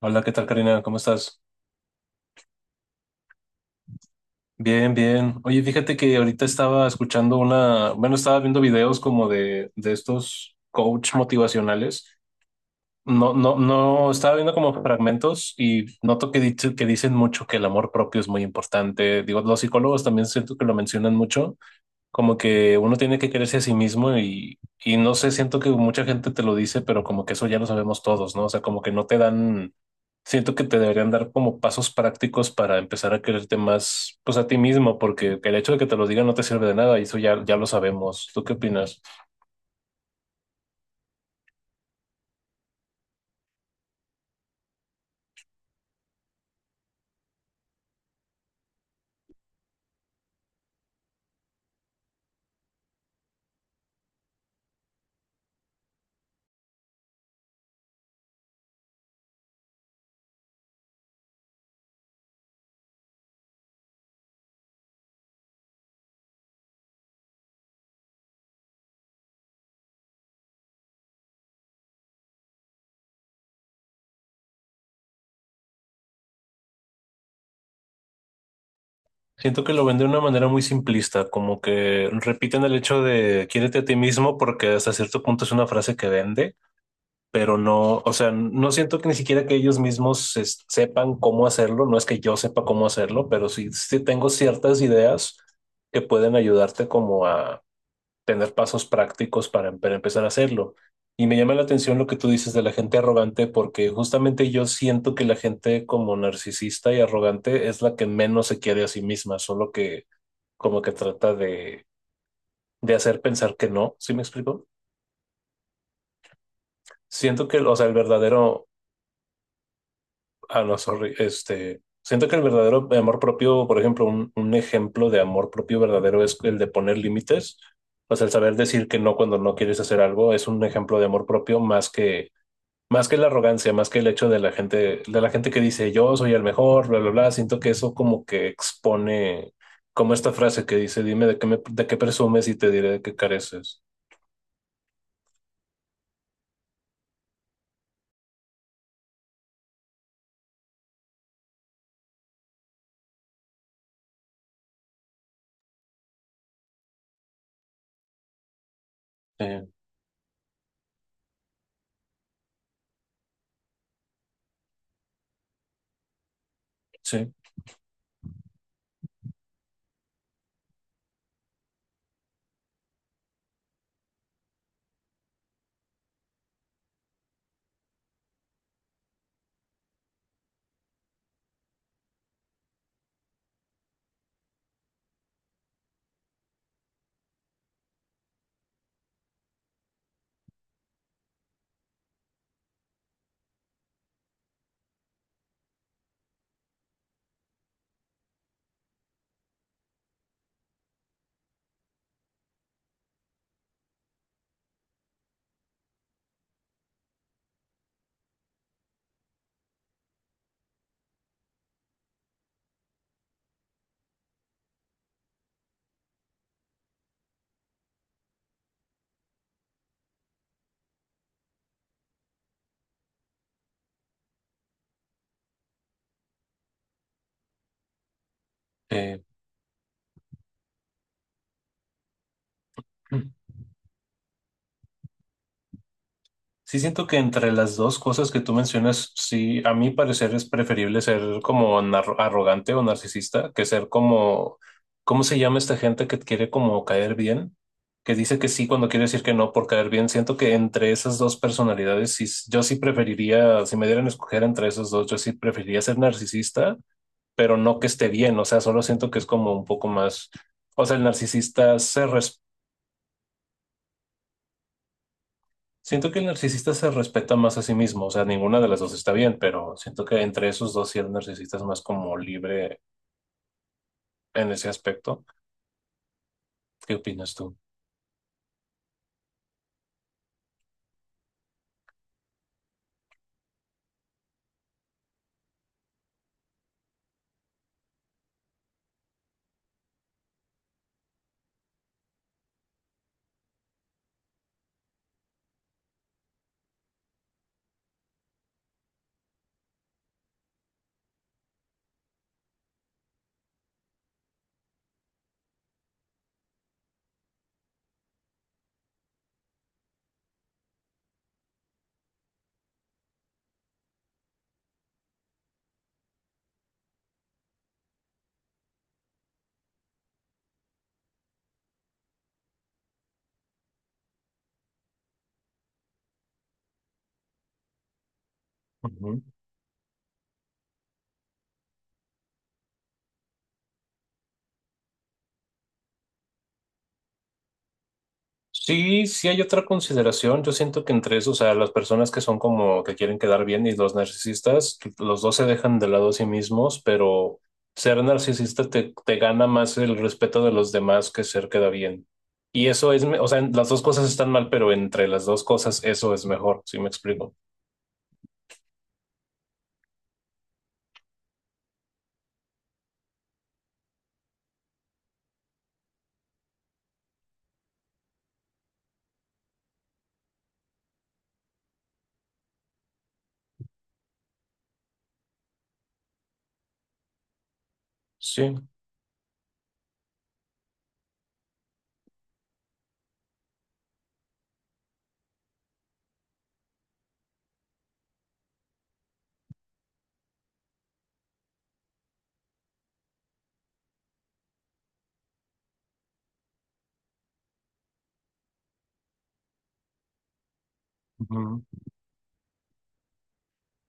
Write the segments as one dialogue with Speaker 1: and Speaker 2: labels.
Speaker 1: Hola, ¿qué tal, Karina? ¿Cómo estás? Bien, bien. Oye, fíjate que ahorita estaba escuchando una, bueno, estaba viendo videos como de estos coach motivacionales. No, no, no, estaba viendo como fragmentos y noto que dicen mucho que el amor propio es muy importante. Digo, los psicólogos también siento que lo mencionan mucho. Como que uno tiene que quererse a sí mismo y no sé, siento que mucha gente te lo dice, pero como que eso ya lo sabemos todos, ¿no? O sea, como que no te dan, siento que te deberían dar como pasos prácticos para empezar a quererte más, pues a ti mismo, porque el hecho de que te lo digan no te sirve de nada y eso ya, ya lo sabemos. ¿Tú qué opinas? Siento que lo ven de una manera muy simplista, como que repiten el hecho de quiérete a ti mismo porque hasta cierto punto es una frase que vende, pero no, o sea, no siento que ni siquiera que ellos mismos sepan cómo hacerlo. No es que yo sepa cómo hacerlo, pero sí, sí tengo ciertas ideas que pueden ayudarte como a tener pasos prácticos para, para empezar a hacerlo. Y me llama la atención lo que tú dices de la gente arrogante, porque justamente yo siento que la gente como narcisista y arrogante es la que menos se quiere a sí misma, solo que como que trata de hacer pensar que no, ¿sí me explico? Siento que, o sea, el verdadero... Ah, no, sorry. Este, siento que el verdadero amor propio, por ejemplo, un ejemplo de amor propio verdadero es el de poner límites. O sea, el saber decir que no cuando no quieres hacer algo es un ejemplo de amor propio más que la arrogancia, más que el hecho de la gente que dice yo soy el mejor, bla, bla, bla. Siento que eso como que expone, como esta frase que dice, dime de qué presumes y te diré de qué careces. Eh, sí. eh, Sí, siento que entre las dos cosas que tú mencionas, sí, a mi parecer es preferible ser como arrogante o narcisista que ser como, ¿cómo se llama esta gente que quiere como caer bien? Que dice que sí cuando quiere decir que no por caer bien. Siento que entre esas dos personalidades, sí, yo sí preferiría, si me dieran a escoger entre esas dos, yo sí preferiría ser narcisista, pero no que esté bien. O sea, solo siento que es como un poco más, o sea, el narcisista se, siento que el narcisista se respeta más a sí mismo. O sea, ninguna de las dos está bien, pero siento que entre esos dos sí, el narcisista es más como libre en ese aspecto. ¿Qué opinas tú? Ujú. Sí, sí hay otra consideración. Yo siento que entre esos, o sea, las personas que son como que quieren quedar bien y los narcisistas, los dos se dejan de lado a sí mismos, pero ser narcisista te, te gana más el respeto de los demás que ser queda bien. Y eso es, o sea, las dos cosas están mal, pero entre las dos cosas eso es mejor, ¿sí me explico? Sí. Ujú.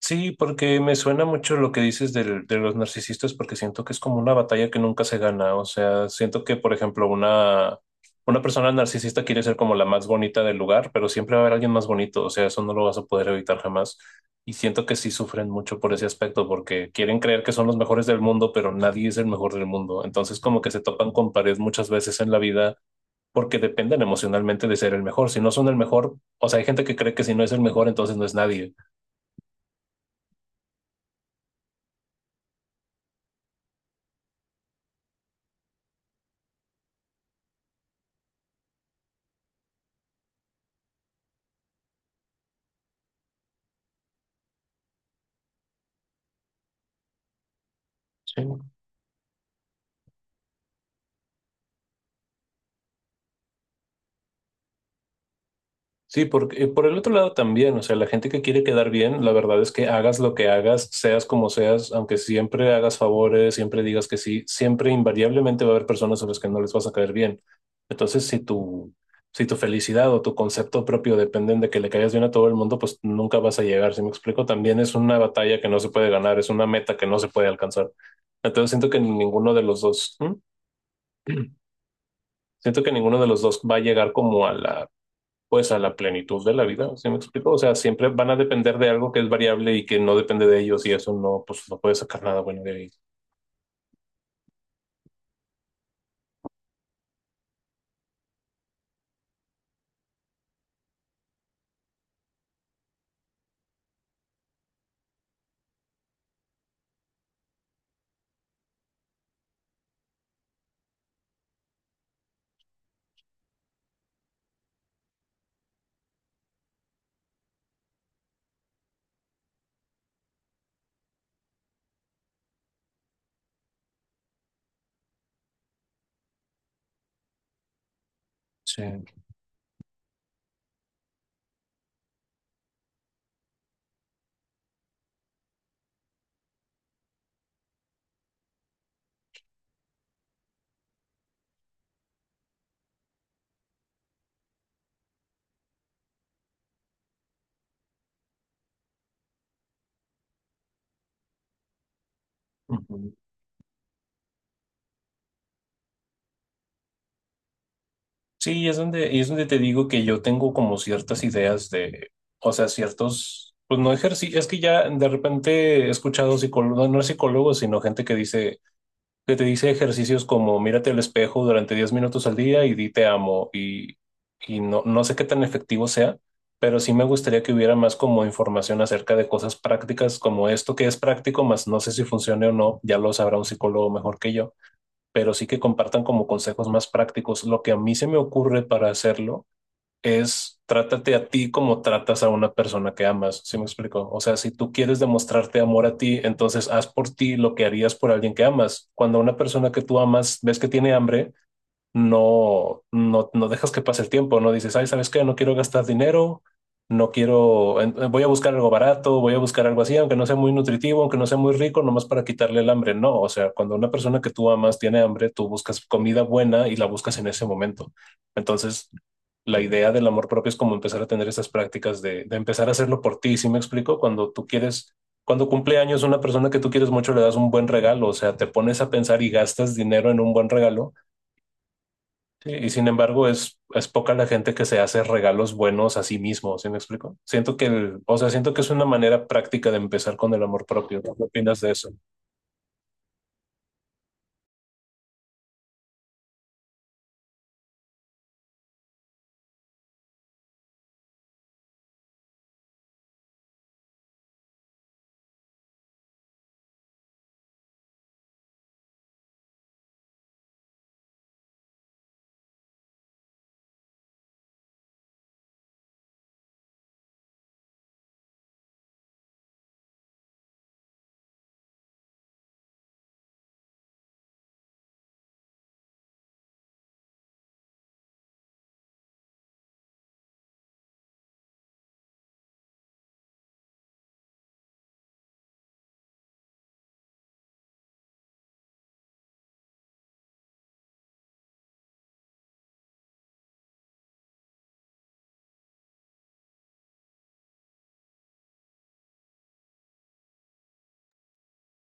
Speaker 1: Sí, porque me suena mucho lo que dices de los narcisistas, porque siento que es como una batalla que nunca se gana. O sea, siento que, por ejemplo, una persona narcisista quiere ser como la más bonita del lugar, pero siempre va a haber alguien más bonito. O sea, eso no lo vas a poder evitar jamás. Y siento que sí sufren mucho por ese aspecto, porque quieren creer que son los mejores del mundo, pero nadie es el mejor del mundo. Entonces, como que se topan con pared muchas veces en la vida. Porque dependen emocionalmente de ser el mejor. Si no son el mejor, o sea, hay gente que cree que si no es el mejor, entonces no es nadie. Sí, porque por el otro lado también, o sea, la gente que quiere quedar bien, la verdad es que hagas lo que hagas, seas como seas, aunque siempre hagas favores, siempre digas que sí, siempre invariablemente va a haber personas a las que no les vas a caer bien. Entonces, si tu felicidad o tu concepto propio dependen de que le caigas bien a todo el mundo, pues nunca vas a llegar. Si me explico, también es una batalla que no se puede ganar, es una meta que no se puede alcanzar. Entonces, siento que ninguno de los dos, ¿mm? Siento que ninguno de los dos va a llegar como a la, pues a la plenitud de la vida, ¿sí me explico? O sea, siempre van a depender de algo que es variable y que no depende de ellos y eso no, pues no puedes sacar nada bueno de ahí. Sí. Ujú. Sí, es donde, y es donde te digo que yo tengo como ciertas ideas de, o sea, ciertos, pues no ejercicio. Es que ya de repente he escuchado psicólogos, no, no psicólogos, sino gente que dice, que te dice ejercicios como mírate al espejo durante 10 minutos al día y di te amo. Y no, no sé qué tan efectivo sea, pero sí me gustaría que hubiera más como información acerca de cosas prácticas como esto que es práctico, más no sé si funcione o no, ya lo sabrá un psicólogo mejor que yo, pero sí que compartan como consejos más prácticos. Lo que a mí se me ocurre para hacerlo es trátate a ti como tratas a una persona que amas, ¿sí me explico? O sea, si tú quieres demostrarte amor a ti, entonces haz por ti lo que harías por alguien que amas. Cuando una persona que tú amas ves que tiene hambre, no dejas que pase el tiempo, no dices, ay, ¿sabes qué? No quiero gastar dinero, no quiero, voy a buscar algo barato, voy a buscar algo así, aunque no sea muy nutritivo, aunque no sea muy rico, nomás para quitarle el hambre. No, o sea, cuando una persona que tú amas tiene hambre, tú buscas comida buena y la buscas en ese momento. Entonces, la idea del amor propio es como empezar a tener esas prácticas de empezar a hacerlo por ti, ¿sí me explico? Cuando tú quieres... Cuando cumple años una persona que tú quieres mucho le das un buen regalo, o sea, te pones a pensar y gastas dinero en un buen regalo. Sí, y sin embargo, es poca la gente que se hace regalos buenos a sí mismo, ¿sí me explico? Siento que el, o sea, siento que es una manera práctica de empezar con el amor propio, ¿no? ¿Qué opinas de eso?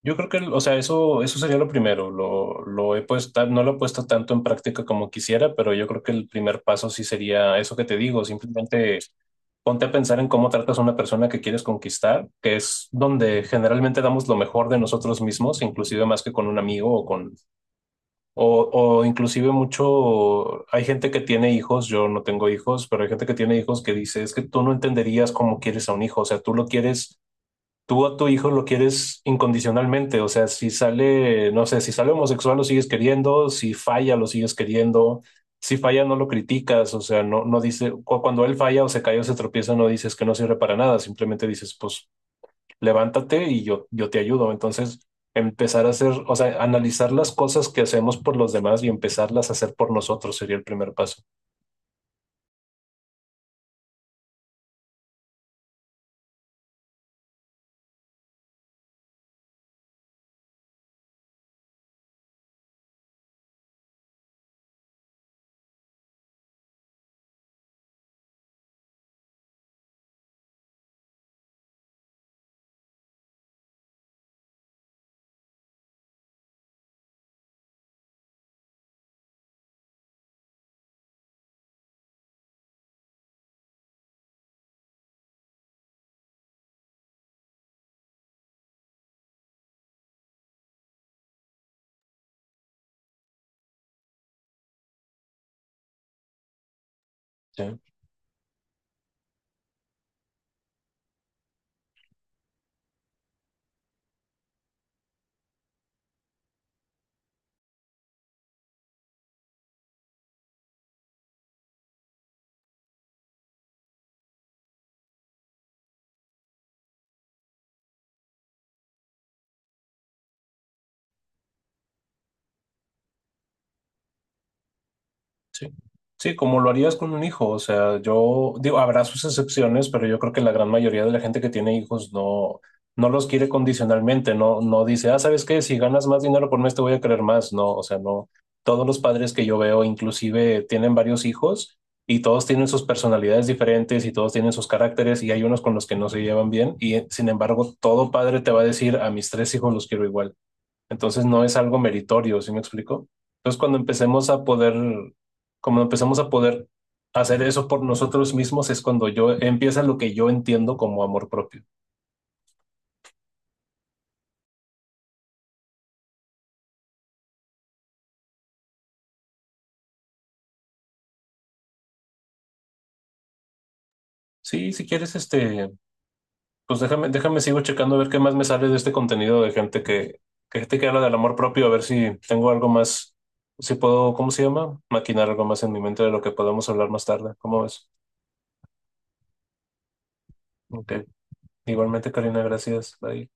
Speaker 1: Yo creo que, o sea, eso sería lo primero. Lo he puesto, no lo he puesto tanto en práctica como quisiera, pero yo creo que el primer paso sí sería eso que te digo, simplemente ponte a pensar en cómo tratas a una persona que quieres conquistar, que es donde generalmente damos lo mejor de nosotros mismos, inclusive más que con un amigo o con... O, o inclusive mucho, hay gente que tiene hijos, yo no tengo hijos, pero hay gente que tiene hijos que dice, es que tú no entenderías cómo quieres a un hijo. O sea, tú lo quieres, tú a tu hijo lo quieres incondicionalmente, o sea, si sale, no sé, si sale homosexual lo sigues queriendo, si falla lo sigues queriendo, si falla no lo criticas, o sea, no, no dice, cuando él falla o se cae o se tropieza, no dices que no sirve para nada, simplemente dices, pues levántate y yo te ayudo. Entonces, empezar a hacer, o sea, analizar las cosas que hacemos por los demás y empezarlas a hacer por nosotros sería el primer paso. ¿Sí? Sí, sí, como lo harías con un hijo. O sea, yo digo, habrá sus excepciones, pero yo creo que la gran mayoría de la gente que tiene hijos no, no los quiere condicionalmente. No, no dice, ah, ¿sabes qué? Si ganas más dinero por mes te voy a querer más. No, o sea, no, todos los padres que yo veo inclusive tienen varios hijos y todos tienen sus personalidades diferentes y todos tienen sus caracteres y hay unos con los que no se llevan bien y sin embargo todo padre te va a decir, a mis 3 hijos los quiero igual. Entonces no es algo meritorio, ¿sí me explico? Entonces cuando empecemos a poder, cuando empezamos a poder hacer eso por nosotros mismos es cuando yo empieza lo que yo entiendo como amor propio. Sí, si quieres, este, pues déjame sigo checando a ver qué más me sale de este contenido de gente que, gente que habla del amor propio, a ver si tengo algo más, si puedo, ¿cómo se llama? Maquinar algo más en mi mente de lo que podemos hablar más tarde. ¿Cómo ves? Ok. Igualmente, Karina, gracias. Bye.